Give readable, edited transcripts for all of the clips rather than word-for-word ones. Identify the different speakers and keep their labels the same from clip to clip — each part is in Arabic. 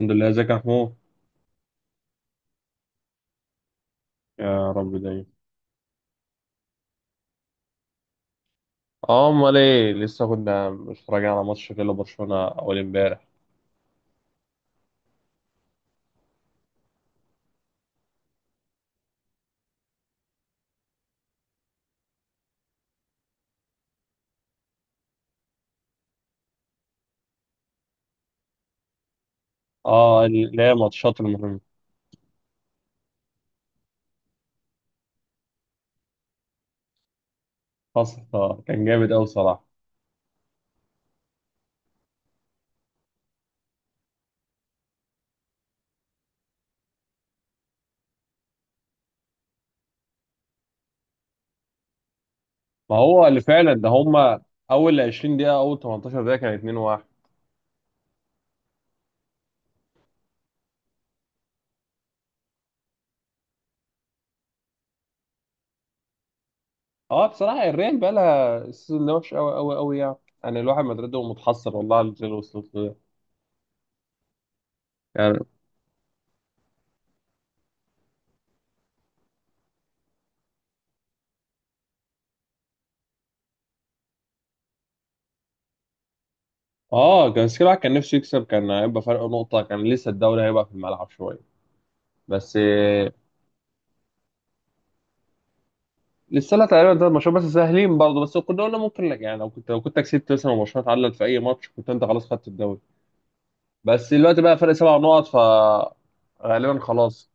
Speaker 1: الحمد لله، ازيك يا محمود؟ يا رب دايما. اه، امال ايه، لسه كنا متفرجين على ماتش كده، برشلونه اول امبارح. اه اللي هي ماتشات المهمه. حصل. كان جامد قوي صراحه. ما هو اللي فعلا ده هما، اول 20 دقيقه، اول 18 دقيقه كان 2-1. اه بصراحه الريال بقى لها السيزون ده وحش قوي قوي قوي يعني. يعني الواحد مدريده متحسر والله على اللي وصلت له ده. يعني اه كان، بس كده الواحد كان نفسه يكسب، كان هيبقى فرق نقطه، كان لسه الدوري هيبقى في الملعب شويه. بس لسه لا، تقريبا ده المشروع بس سهلين برضه، بس كنا قلنا ممكن لك يعني، لو كنت لو كنت كسبت مثلا وبرشلونه اتعادلت في اي ماتش كنت انت خلاص خدت الدوري. بس دلوقتي بقى فرق سبع نقط ف غالبا خلاص.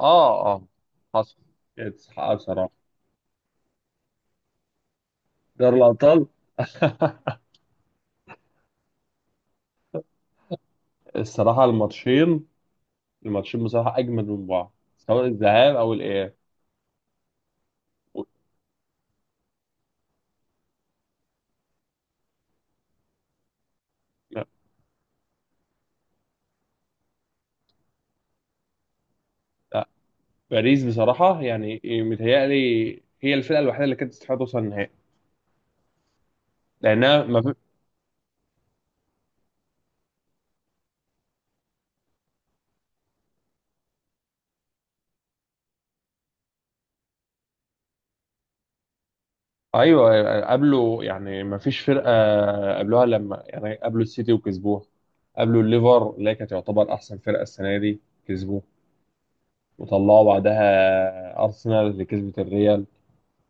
Speaker 1: اه اه حصل. يتسحقها بصراحه. دوري الابطال. الصراحه الماتشين، بصراحه اجمد من بعض، سواء الذهاب او الاياب. و- لا، لا، باريس بصراحه يعني متهيألي هي الفرقه الوحيده اللي كانت تستحق توصل النهائي، لانها ما... ايوه قابلوا يعني، ما فيش فرقه قابلوها، لما يعني قابلوا السيتي وكسبوها، قابلوا الليفر اللي هي كانت تعتبر احسن فرقه السنه دي، كسبوه وطلعوا بعدها ارسنال اللي كسبت الريال.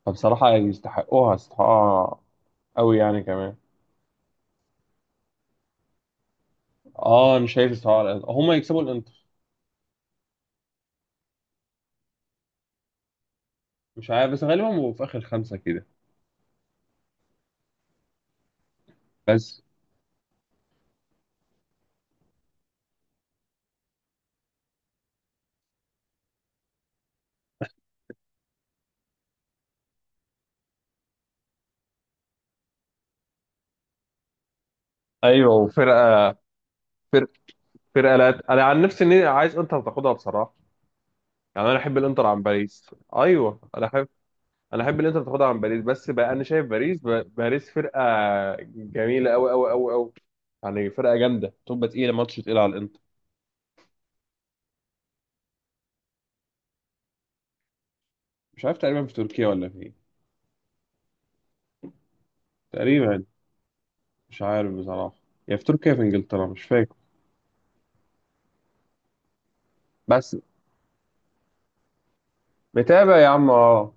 Speaker 1: فبصراحه يعني يستحقوها، يستحقوها قوي يعني كمان. اه انا شايف يستحقوها، هم يكسبوا الانتر. مش عارف، بس غالبا هو في اخر خمسه كده. بس ايوه وفرقه، فرقه فرقه لا انا عن نفسي اني عايز انتر تاخدها بصراحه، يعني انا احب الانتر عن باريس. ايوه، انا احب الانتر تاخدها عن باريس، بس بقى انا شايف باريس ب... باريس فرقه جميله قوي قوي قوي قوي، يعني فرقه جامده تبقى تقيله، ماتش تقيل على الانتر. مش عارف، تقريبا في تركيا ولا في ايه. تقريبا مش عارف بصراحه، يا في تركيا يا في انجلترا، مش فاكر. بس متابع يا عم، اه.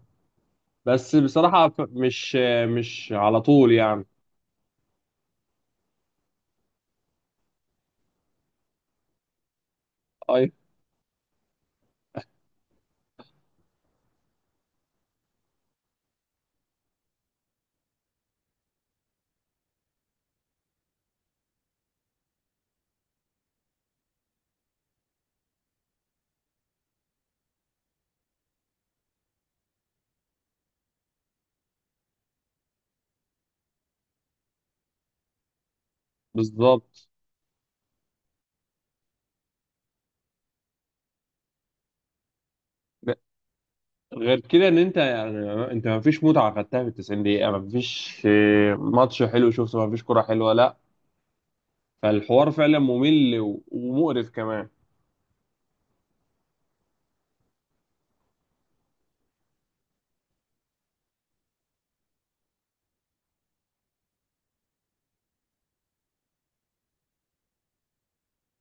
Speaker 1: بس بصراحه مش، مش على طول يعني. اي بالظبط. ب- غير كده ان انت يعني، انت ما فيش متعه خدتها في 90 دقيقه، ما فيش ماتش حلو شفته، ما فيش كره حلوه، لا. فالحوار فعلا ممل ومقرف كمان.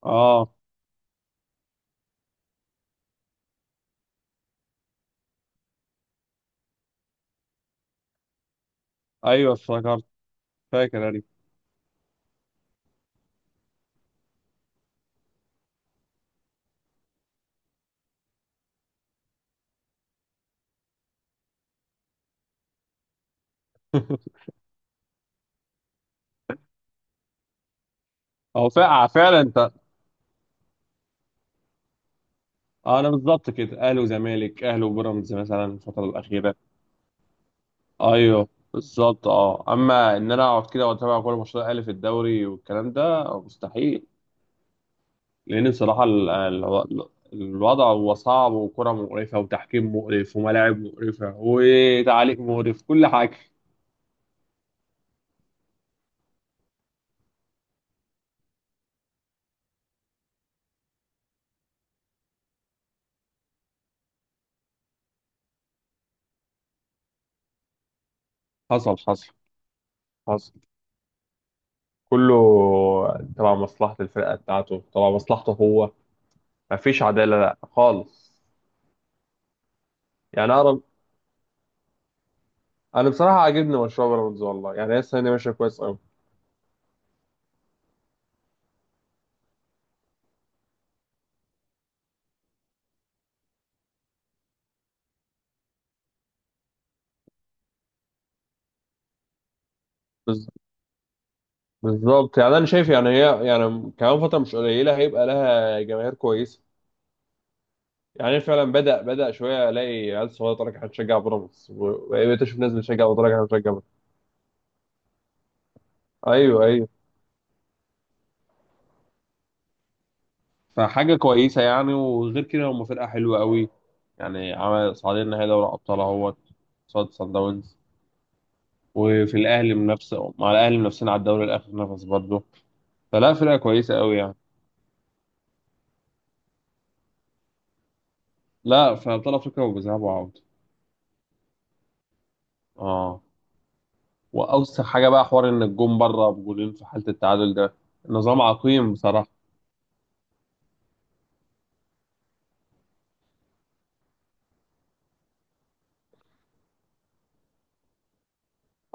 Speaker 1: اه ايوه افتكرت. فاكر انا. فعلا انت. انا بالظبط كده، اهلي وزمالك، اهلي وبيراميدز مثلا الفتره الاخيره. ايوه بالظبط. اه اما ان انا اقعد كده واتابع كل ماتشات الاهلي في الدوري والكلام ده مستحيل، لان بصراحه الوضع هو صعب، وكره مقرفه، وتحكيم مقرف، وملاعب مقرفه، وتعليق مقرف، كل حاجه. حصل حصل. كله تبع مصلحة الفرقة بتاعته، تبع مصلحته هو. مفيش عدالة لا خالص. يعني أنا، بصراحة عاجبني مشروع بيراميدز والله، يعني هي السنة دي ماشية كويس أوي. بز- بالظبط، يعني أنا شايف يعني هي يعني كمان فترة مش قليلة هيبقى لها جماهير كويسة. يعني فعلا بدأ، شوية ألاقي عيال صغيرة تقول لك إحنا بنشجع بيراميدز، وبقيت أشوف ناس بتشجع وتقول لك إحنا بنشجع بيراميدز. أيوه أيوه. فحاجة كويسة يعني، وغير كده هم فرقة حلوة أوي. يعني عمل صعدين نهائي دوري أبطال أهوت، صاد صن داونز. وفي الاهلي منافسه، مع الاهلي منافسين على الدوري لاخر نفس برضه. فلا، فرقه كويسه قوي يعني. لا في ابطال افريقيا، وبذهاب وعوده. اه. واوسخ حاجه بقى حوار ان الجون بره بجولين في حاله التعادل ده، نظام عقيم بصراحه.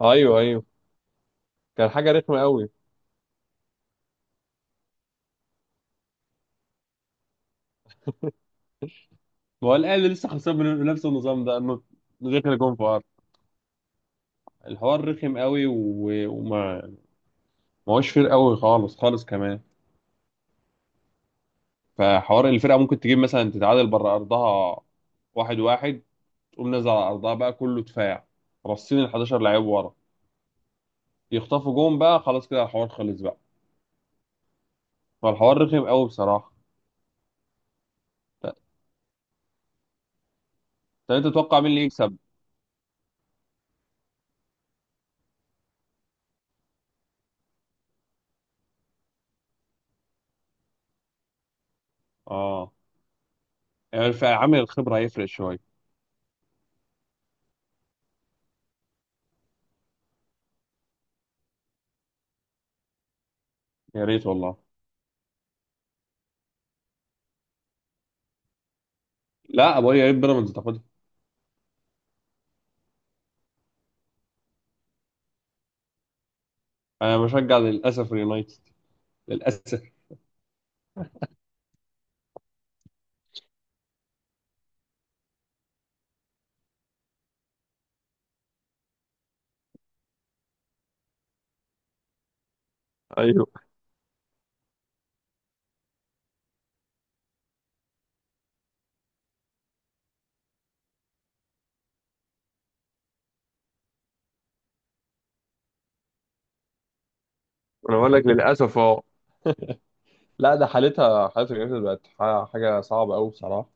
Speaker 1: ايوه ايوه. كان حاجه رخمه قوي. هو الاهلي لسه خسران من نفس النظام ده، انه دخل جون في ارض. الحوار رخم قوي، ما هوش فرق قوي خالص، خالص كمان. فحوار الفرقه ممكن تجيب مثلا، تتعادل بره ارضها واحد واحد، تقوم نازل على ارضها بقى كله دفاع رصين، ال 11 لعيب ورا، يخطفوا جون بقى خلاص كده الحوار خلص بقى. فالحوار رخم قوي بصراحه. ط- طب انت تتوقع مين اللي يكسب؟ اه يعني في عامل الخبره هيفرق شويه. يا ريت والله. لا بقول يا ريت بيراميدز تاخدها. انا بشجع للاسف اليونايتد، للاسف. ايوه انا بقول لك للاسف اه. لا ده حالتها، حالتها اليونايتد بقت حاجه صعبه قوي بصراحه.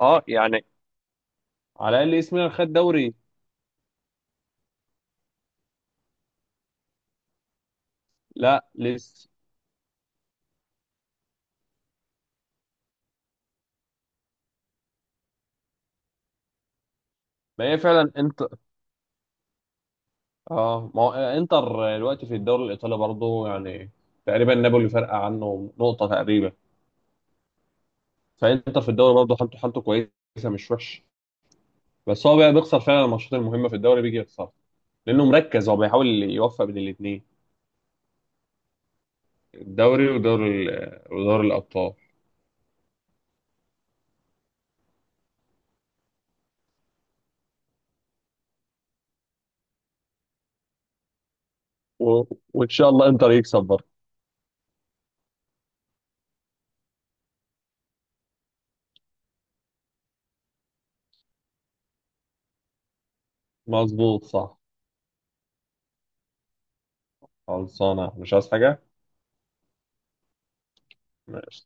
Speaker 1: اه يعني على الاقل اسمنا خد دوري. لا لسه. ما هي فعلا انت. اه ما هو انتر دلوقتي في الدوري الايطالي برضه يعني، تقريبا نابولي فارقه عنه نقطه تقريبا. فانتر في الدوري برضه حالته، حالته كويسه مش وحش. بس هو بقى بيخسر فعلا الماتشات المهمه، في الدوري بيجي يخسر، لانه مركز، هو بيحاول يوفق بين الاثنين، الدوري ودوري الابطال. و... وان شاء الله انتر يكسب برضه. مظبوط صح. خلصانه مش عايز حاجه. ماشي.